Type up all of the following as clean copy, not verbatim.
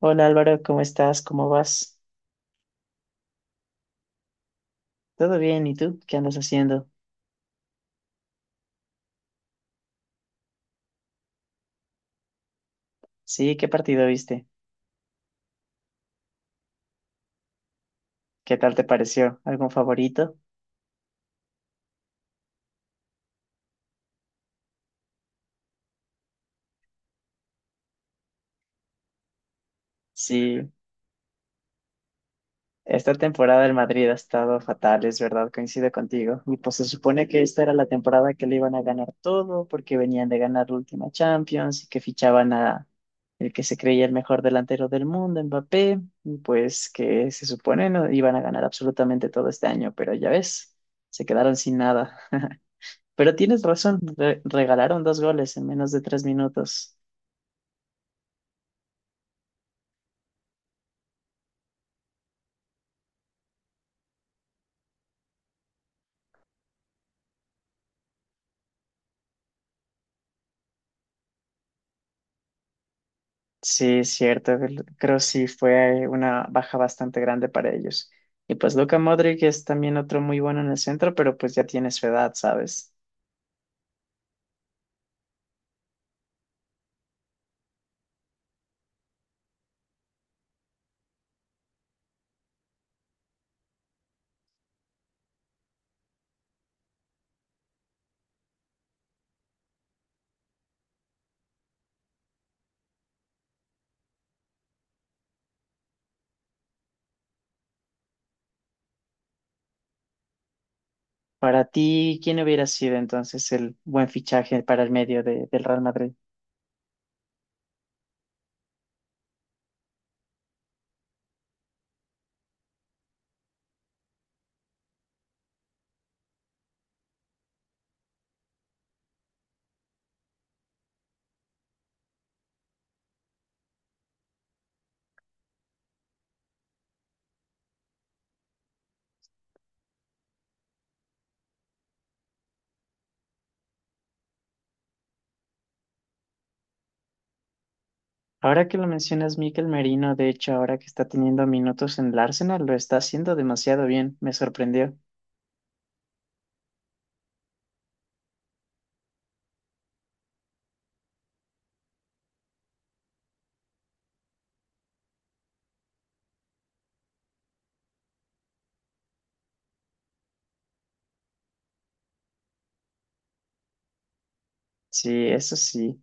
Hola Álvaro, ¿cómo estás? ¿Cómo vas? ¿Todo bien? ¿Y tú? ¿Qué andas haciendo? Sí, ¿qué partido viste? ¿Qué tal te pareció? ¿Algún favorito? Sí, esta temporada el Madrid ha estado fatal, es verdad, coincido contigo. Y pues se supone que esta era la temporada que le iban a ganar todo porque venían de ganar la última Champions y que fichaban a el que se creía el mejor delantero del mundo, Mbappé, y pues que se supone no iban a ganar absolutamente todo este año, pero ya ves, se quedaron sin nada. Pero tienes razón, regalaron dos goles en menos de tres minutos. Sí, es cierto, creo sí fue una baja bastante grande para ellos. Y pues Luka Modric es también otro muy bueno en el centro, pero pues ya tiene su edad, ¿sabes? Para ti, ¿quién hubiera sido entonces el buen fichaje para el medio del Real Madrid? Ahora que lo mencionas, Mikel Merino, de hecho, ahora que está teniendo minutos en el Arsenal, lo está haciendo demasiado bien, me sorprendió. Sí, eso sí.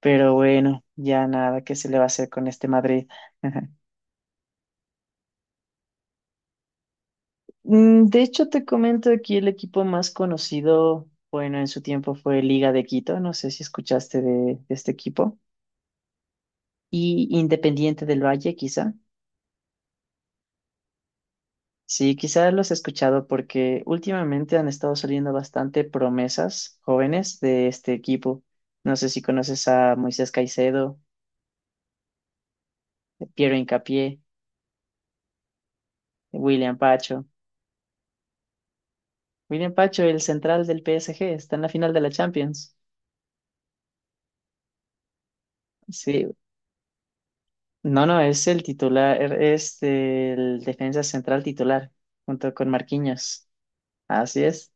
Pero bueno, ya nada, ¿qué se le va a hacer con este Madrid? De hecho, te comento aquí el equipo más conocido, bueno, en su tiempo fue Liga de Quito, no sé si escuchaste de este equipo, y Independiente del Valle, quizá. Sí, quizá los he escuchado porque últimamente han estado saliendo bastante promesas jóvenes de este equipo. No sé si conoces a Moisés Caicedo, Piero Hincapié, William Pacho. William Pacho, el central del PSG, está en la final de la Champions. Sí, no, no, es el titular, es el defensa central titular, junto con Marquinhos. Así es.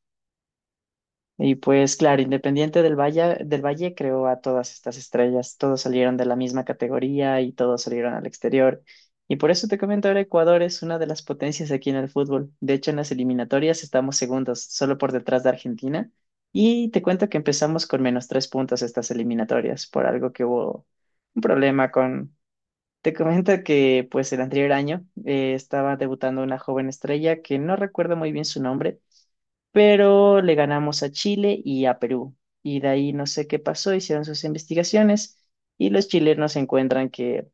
Y pues claro, Independiente del Valle, creó a todas estas estrellas, todos salieron de la misma categoría y todos salieron al exterior. Y por eso te comento ahora, Ecuador es una de las potencias aquí en el fútbol. De hecho, en las eliminatorias estamos segundos, solo por detrás de Argentina. Y te cuento que empezamos con menos tres puntos estas eliminatorias, por algo que hubo un problema. Te comento que pues el anterior año, estaba debutando una joven estrella que no recuerdo muy bien su nombre, pero le ganamos a Chile y a Perú. Y de ahí no sé qué pasó, hicieron sus investigaciones y los chilenos encuentran que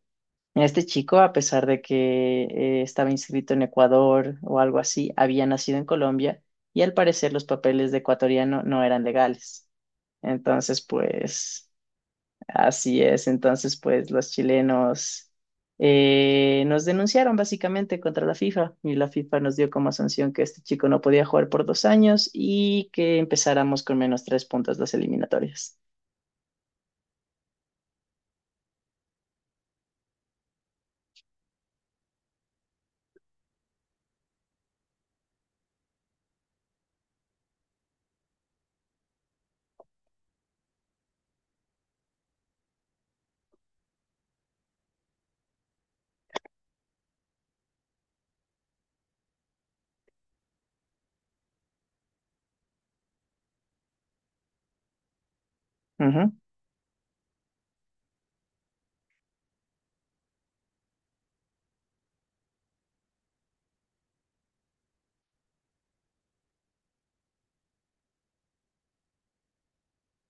este chico, a pesar de que estaba inscrito en Ecuador o algo así, había nacido en Colombia y al parecer los papeles de ecuatoriano no eran legales. Entonces, pues... Así es, entonces pues los chilenos, nos denunciaron básicamente contra la FIFA y la FIFA nos dio como sanción que este chico no podía jugar por dos años y que empezáramos con menos tres puntos las eliminatorias. Ujú.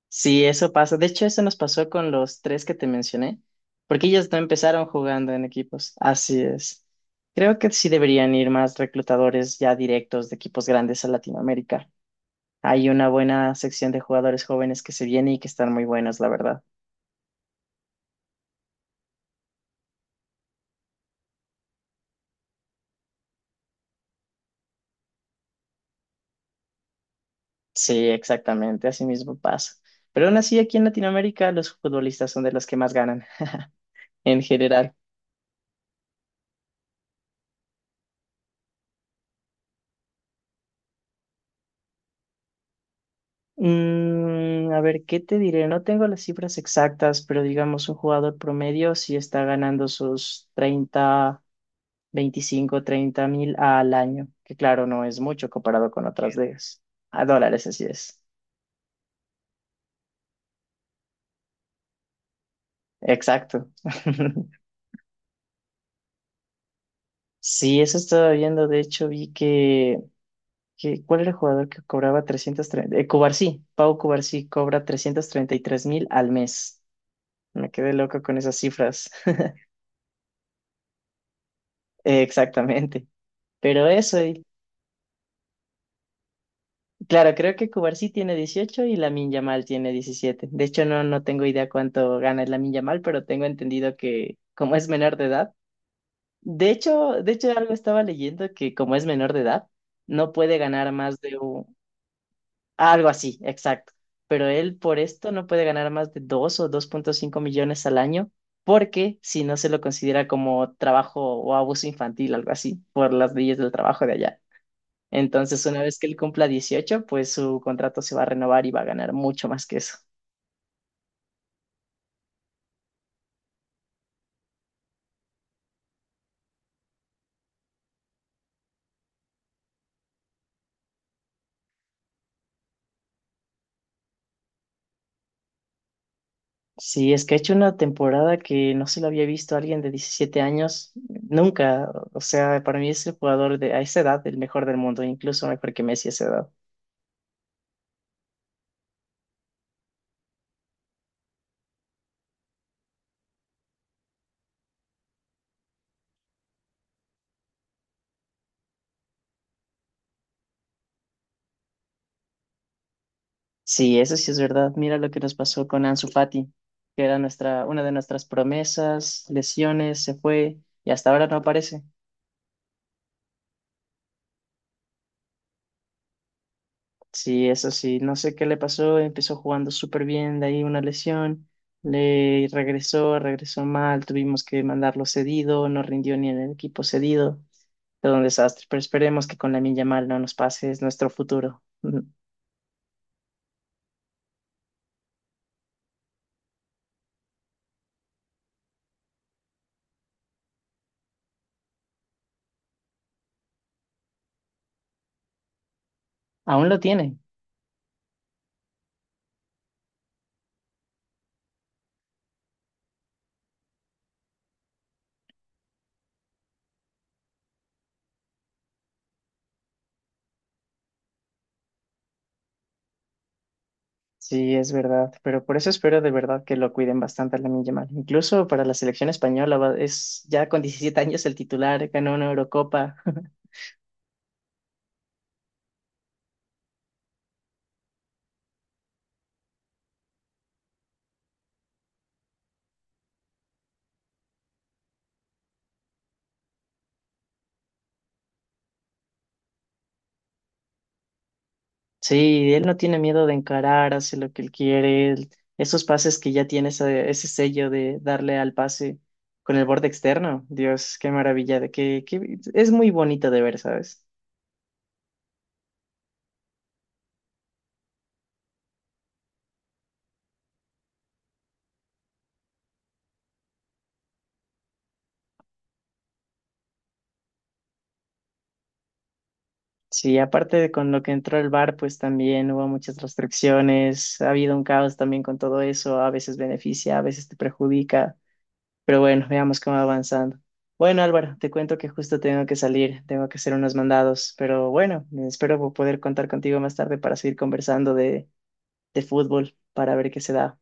Sí, eso pasa. De hecho, eso nos pasó con los tres que te mencioné, porque ellos no empezaron jugando en equipos. Así es. Creo que sí deberían ir más reclutadores ya directos de equipos grandes a Latinoamérica. Hay una buena sección de jugadores jóvenes que se viene y que están muy buenos, la verdad. Sí, exactamente, así mismo pasa. Pero aún así, aquí en Latinoamérica, los futbolistas son de los que más ganan, en general. Mm, a ver, ¿qué te diré? No tengo las cifras exactas, pero digamos, un jugador promedio sí está ganando sus 30, 25, 30.000 al año, que claro, no es mucho comparado con otras, bien, ligas. A dólares, así es. Exacto. Sí, eso estaba viendo. De hecho, vi que... ¿Qué? ¿Cuál era el jugador que cobraba 330? Cubarsí, Pau Cubarsí cobra 333 mil al mes. Me quedé loco con esas cifras. Exactamente. Pero eso, claro, creo que Cubarsí tiene 18 y Lamine Yamal tiene 17. De hecho, no, no tengo idea cuánto gana el Lamine Yamal, pero tengo entendido que como es menor de edad, de hecho algo estaba leyendo que como es menor de edad, no puede ganar más de un... Algo así, exacto. Pero él por esto no puede ganar más de 2 o 2,5 millones al año, porque si no se lo considera como trabajo o abuso infantil, algo así, por las leyes del trabajo de allá. Entonces, una vez que él cumpla 18 pues su contrato se va a renovar y va a ganar mucho más que eso. Sí, es que ha hecho una temporada que no se lo había visto a alguien de 17 años nunca. O sea, para mí es el jugador de a esa edad el mejor del mundo, incluso mejor que Messi a esa edad. Sí, eso sí es verdad. Mira lo que nos pasó con Ansu Fati, que era nuestra, una de nuestras promesas, lesiones, se fue y hasta ahora no aparece. Sí, eso sí, no sé qué le pasó, empezó jugando súper bien, de ahí una lesión, le regresó, regresó mal, tuvimos que mandarlo cedido, no rindió ni en el equipo cedido, todo un desastre, pero esperemos que con la Yamal no nos pase, es nuestro futuro. Aún lo tiene. Sí, es verdad, pero por eso espero de verdad que lo cuiden bastante a Lamine Yamal. Incluso para la selección española va- es ya con 17 años el titular, ganó una Eurocopa. Sí, él no tiene miedo de encarar, hace lo que él quiere. Esos pases que ya tiene ese, ese sello de darle al pase con el borde externo. Dios, qué maravilla, es muy bonito de ver, ¿sabes? Sí, aparte de con lo que entró el VAR, pues también hubo muchas restricciones, ha habido un caos también con todo eso, a veces beneficia, a veces te perjudica. Pero bueno, veamos cómo va avanzando. Bueno, Álvaro, te cuento que justo tengo que salir, tengo que hacer unos mandados, pero bueno, espero poder contar contigo más tarde para seguir conversando de fútbol, para ver qué se da.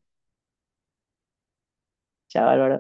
Chao, Álvaro.